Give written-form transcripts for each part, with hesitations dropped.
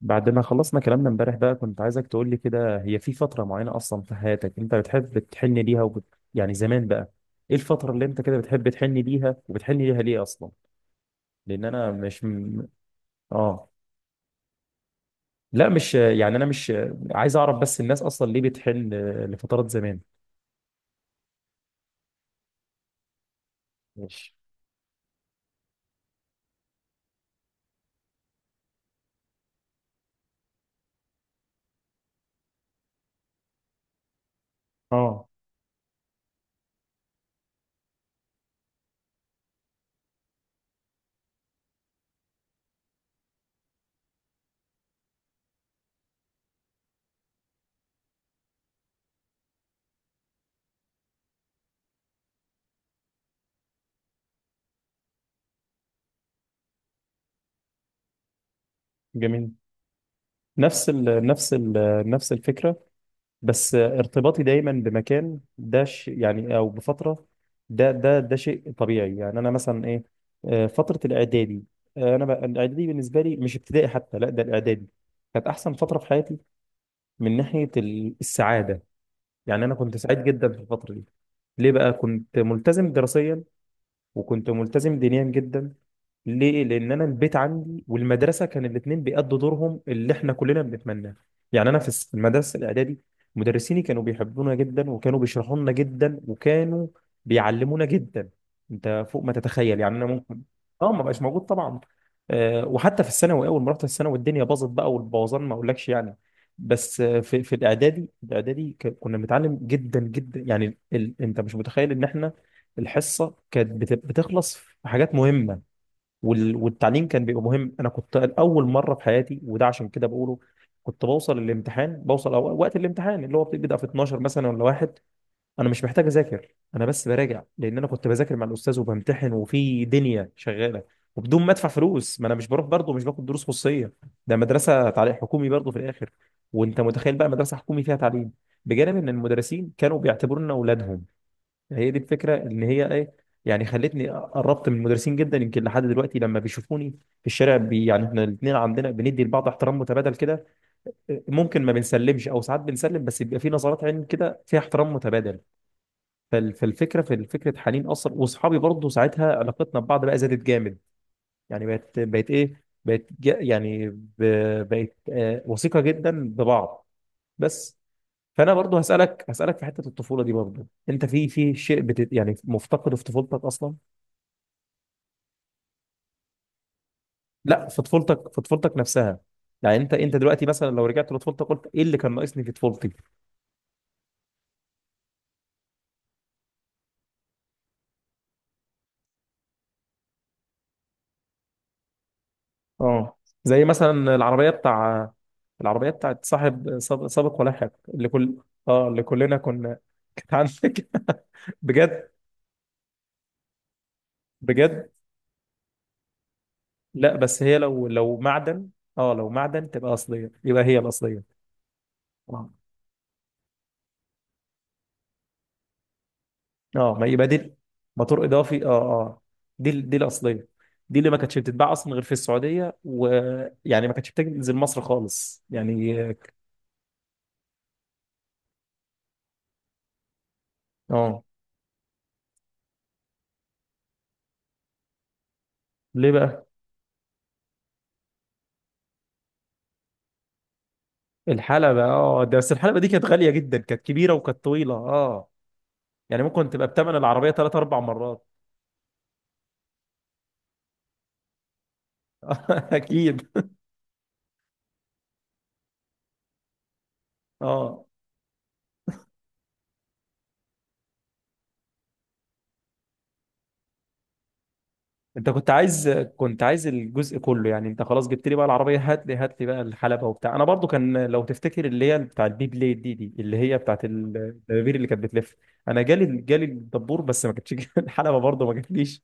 بعد ما خلصنا كلامنا امبارح بقى، كنت عايزك تقول لي كده، هي في فترة معينة أصلا في حياتك أنت بتحب تحن ليها يعني زمان بقى، إيه الفترة اللي أنت كده بتحب تحن ليها وبتحن ليها ليه أصلا؟ لأن أنا مش آه، لا مش يعني، أنا مش عايز أعرف بس الناس أصلا ليه بتحن لفترات زمان. ماشي. اه. جميل. نفس ال... نفس ال... نفس الفكرة، بس ارتباطي دايما بمكان ده يعني او بفتره، ده شيء طبيعي، يعني انا مثلا ايه، فتره الاعدادي. انا بقى الاعدادي بالنسبه لي، مش ابتدائي حتى، لا ده الاعدادي كانت احسن فتره في حياتي، من ناحيه السعاده. يعني انا كنت سعيد جدا في الفتره دي. ليه بقى؟ كنت ملتزم دراسيا وكنت ملتزم دينيا جدا. ليه؟ لأن أنا البيت عندي والمدرسة كان الاتنين بيأدوا دورهم اللي إحنا كلنا بنتمناه. يعني أنا في في المدرسة الإعدادي، مدرسيني كانوا بيحبونا جدا، وكانوا بيشرحوا لنا جدا، وكانوا بيعلمونا جدا، أنت فوق ما تتخيل. يعني أنا ممكن، أه ما بقاش موجود طبعا. أه، وحتى في الثانوي أول ما رحت الثانوي الدنيا باظت بقى، والبوظان ما أقولكش يعني. بس في الإعدادي، الإعدادي كنا بنتعلم جدا جدا، يعني أنت مش متخيل إن إحنا الحصه كانت بتخلص في حاجات مهمه، والتعليم كان بيبقى مهم. انا كنت اول مره في حياتي، وده عشان كده بقوله، كنت بوصل الامتحان، بوصل أو وقت الامتحان اللي هو بيبدا في 12 مثلا ولا واحد، انا مش محتاج اذاكر، انا بس براجع، لان انا كنت بذاكر مع الاستاذ وبمتحن وفي دنيا شغاله، وبدون ما ادفع فلوس، ما انا مش بروح برضه، مش باخد دروس خصوصيه. ده مدرسه تعليم حكومي برضه في الاخر. وانت متخيل بقى مدرسه حكومي فيها تعليم، بجانب ان المدرسين كانوا بيعتبرونا اولادهم. هي دي الفكره، ان هي ايه، يعني خلتني قربت من المدرسين جدا، يمكن لحد دلوقتي لما بيشوفوني في الشارع بي يعني، احنا الاثنين عندنا بندي لبعض احترام متبادل كده. ممكن ما بنسلمش او ساعات بنسلم، بس بيبقى في نظرات عين كده فيها احترام متبادل. فالفكره في فكره حنين اصلا. واصحابي برضه ساعتها علاقتنا ببعض بقى زادت جامد، يعني بقت ايه، بقت يعني بقت وثيقه جدا ببعض. بس. فانا برضه هسالك في حته الطفوله دي برضه، انت في في شيء بت يعني مفتقده في طفولتك اصلا؟ لا، في طفولتك، في طفولتك نفسها، يعني انت انت دلوقتي مثلا لو رجعت لطفولتك، قلت ايه اللي كان ناقصني في طفولتي؟ اه. زي مثلا العربيه بتاع، العربيه بتاعت صاحب سابق ولاحق، اللي كل، اه اللي كلنا كنا، كانت عندك بجد بجد؟ لا بس هي لو لو معدن، اه لو معدن تبقى اصليه، يبقى هي الاصليه. اه ما يبقى دي. موتور اضافي، اه اه، دي الاصليه. دي اللي ما كانتش بتتباع اصلا غير في السعوديه، ويعني ما كانتش بتنزل مصر خالص يعني. اه. ليه بقى؟ الحلبه. اه، ده بس الحلبه دي كانت غاليه جدا، كانت كبيره وكانت طويله اه. يعني ممكن تبقى بثمن العربيه ثلاث اربع مرات. اكيد. اه انت كنت عايز، كنت عايز الجزء كله، يعني انت خلاص جبت لي بقى العربيه هات لي، هات لي بقى الحلبه وبتاع. انا برضو كان لو تفتكر اللي هي بتاع البي بليد دي، دي اللي هي بتاعت الدبابير اللي كانت بتلف. انا جالي الدبور، بس ما كانتش الحلبه برضو ما جاتليش.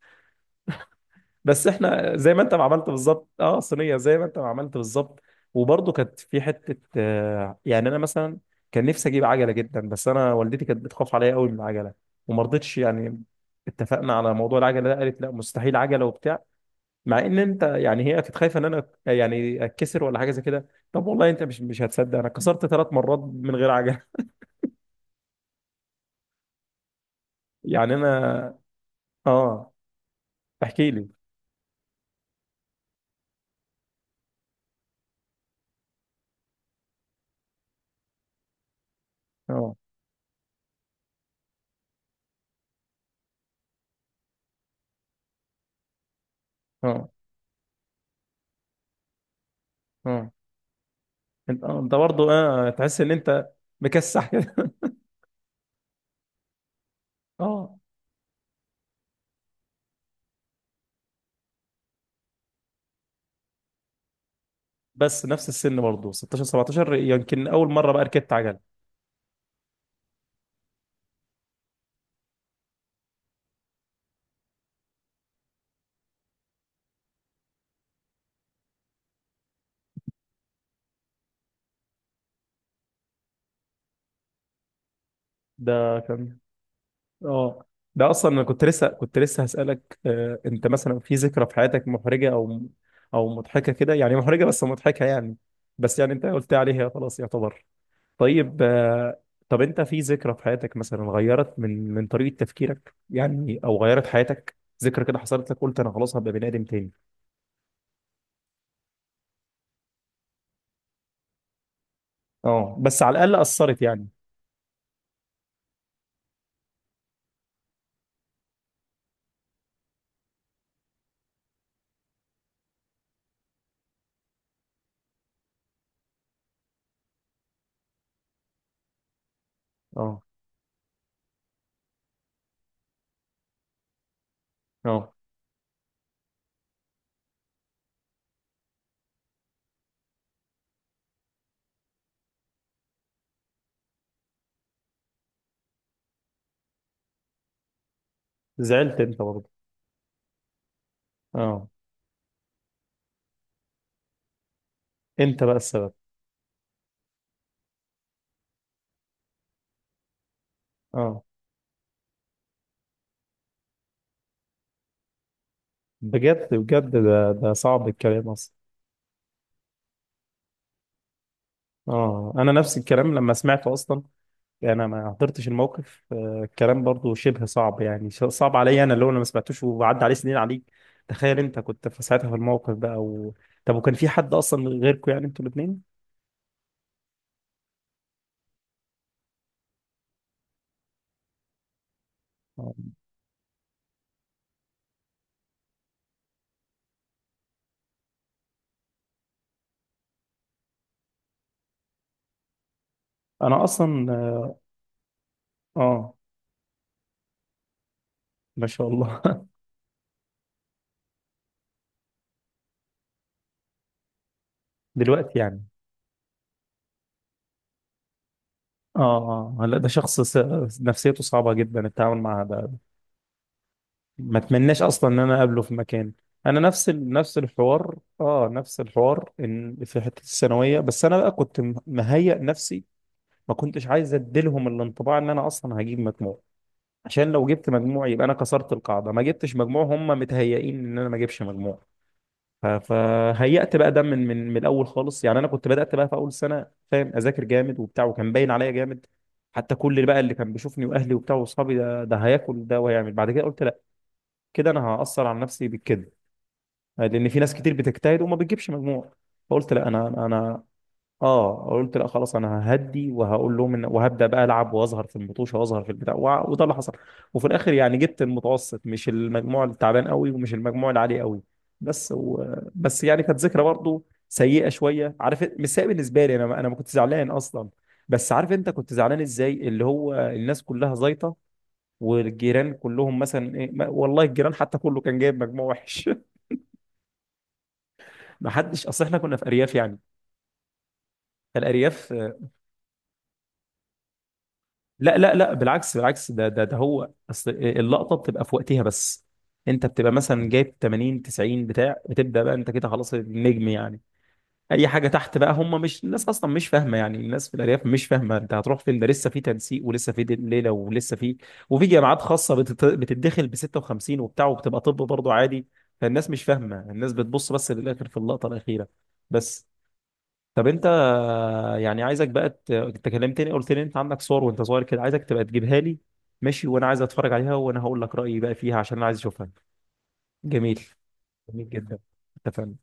بس احنا زي ما انت ما عملت بالظبط، اه صينيه زي ما انت ما عملت بالظبط. وبرضو كانت في حته يعني انا مثلا كان نفسي اجيب عجله جدا، بس انا والدتي كانت بتخاف عليا قوي من العجله وما رضتش يعني. اتفقنا على موضوع العجله ده، قالت لا مستحيل عجله وبتاع، مع ان انت يعني هي كانت خايفه ان انا يعني اتكسر ولا حاجه زي كده. طب والله انت مش هتصدق، انا كسرت 3 مرات من غير عجله. يعني انا. اه. احكي لي. اه اه اه. انت اه انت برضه اه تحس ان انت مكسح كده. اه. بس نفس السن برضه، 16 17 يمكن اول مره بقى ركبت عجل. ده كان، اه. ده اصلا انا كنت لسه، كنت لسه هسألك انت مثلا في ذكرى في حياتك محرجة او، او مضحكة كده، يعني محرجة بس مضحكة يعني. بس يعني انت قلت عليها خلاص يعتبر. طيب طب انت في ذكرى في حياتك مثلا غيرت من طريقة تفكيرك يعني، او غيرت حياتك، ذكرى كده حصلت لك قلت انا خلاص هبقى بني ادم تاني؟ اه، بس على الاقل اثرت يعني. اه اه. زعلت انت برضه. اه انت بقى السبب. اه بجد بجد، ده صعب الكلام اصلا. اه انا نفس الكلام لما سمعته اصلا، يعني انا ما حضرتش الموقف، الكلام برضو شبه صعب يعني، صعب عليا انا اللي هو انا ما سمعتوش، وعدى عليه سنين عليك. تخيل انت كنت في ساعتها في الموقف بقى طب وكان في حد اصلا غيركم؟ يعني انتوا الاثنين. انا اصلا. اه. ما شاء الله. دلوقتي يعني. اه اه، لا ده شخص نفسيته صعبة جدا التعامل معها ده. ما اتمناش اصلا ان انا اقابله في مكان. انا نفس الحوار، اه نفس الحوار، ان في حته الثانويه، بس انا بقى كنت مهيئ نفسي. ما كنتش عايز اديلهم الانطباع ان انا اصلا هجيب مجموع، عشان لو جبت مجموع يبقى انا كسرت القاعده. ما جبتش مجموع هم متهيئين ان انا ما اجيبش مجموع. فهيأت بقى ده من من الاول خالص، يعني انا كنت بدأت بقى في اول سنه، فاهم، اذاكر جامد وبتاع، وكان باين عليا جامد حتى، كل اللي بقى اللي كان بيشوفني واهلي وبتاع واصحابي، ده هياكل ده وهيعمل بعد كده. قلت كده انا هأثر على نفسي بالكذب، لان في ناس كتير بتجتهد وما بتجيبش مجموع، فقلت لا انا، اه قلت لا خلاص انا ههدي، وهقول لهم ان، وهبدا بقى العب واظهر في المطوشه واظهر في البتاع وده اللي حصل. وفي الاخر يعني جبت المتوسط، مش المجموع التعبان قوي ومش المجموع العالي قوي. بس بس يعني كانت ذكرى برضو سيئه شويه، عارف إيه؟ مش سيئه بالنسبه لي، انا انا ما كنت زعلان اصلا، بس عارف انت كنت زعلان ازاي، اللي هو الناس كلها زيطه، والجيران كلهم مثلا ايه والله الجيران حتى كله كان جايب مجموع وحش. ما حدش، اصل احنا كنا في ارياف يعني. الارياف لا لا لا، بالعكس بالعكس، ده هو اصل إيه، اللقطه بتبقى في وقتها بس. انت بتبقى مثلا جايب 80 90 بتاع، بتبدا بقى انت كده خلاص النجم يعني. اي حاجه تحت بقى هم، مش الناس اصلا مش فاهمه، يعني الناس في الارياف مش فاهمه انت هتروح فين، ده لسه في تنسيق ولسه في ليله ولسه في، وفي جامعات خاصه بتتدخل ب 56 وبتاع وبتبقى طب برضه عادي. فالناس مش فاهمه، الناس بتبص بس للاخر في اللقطه الاخيره. بس. طب انت، يعني عايزك بقى انت كلمتني قلت لي انت عندك صور وانت صغير كده، عايزك تبقى تجيبها لي، ماشي، وانا عايز اتفرج عليها وانا هقول لك رايي بقى فيها، عشان انا عايز اشوفها. جميل. جميل جدا. اتفقنا.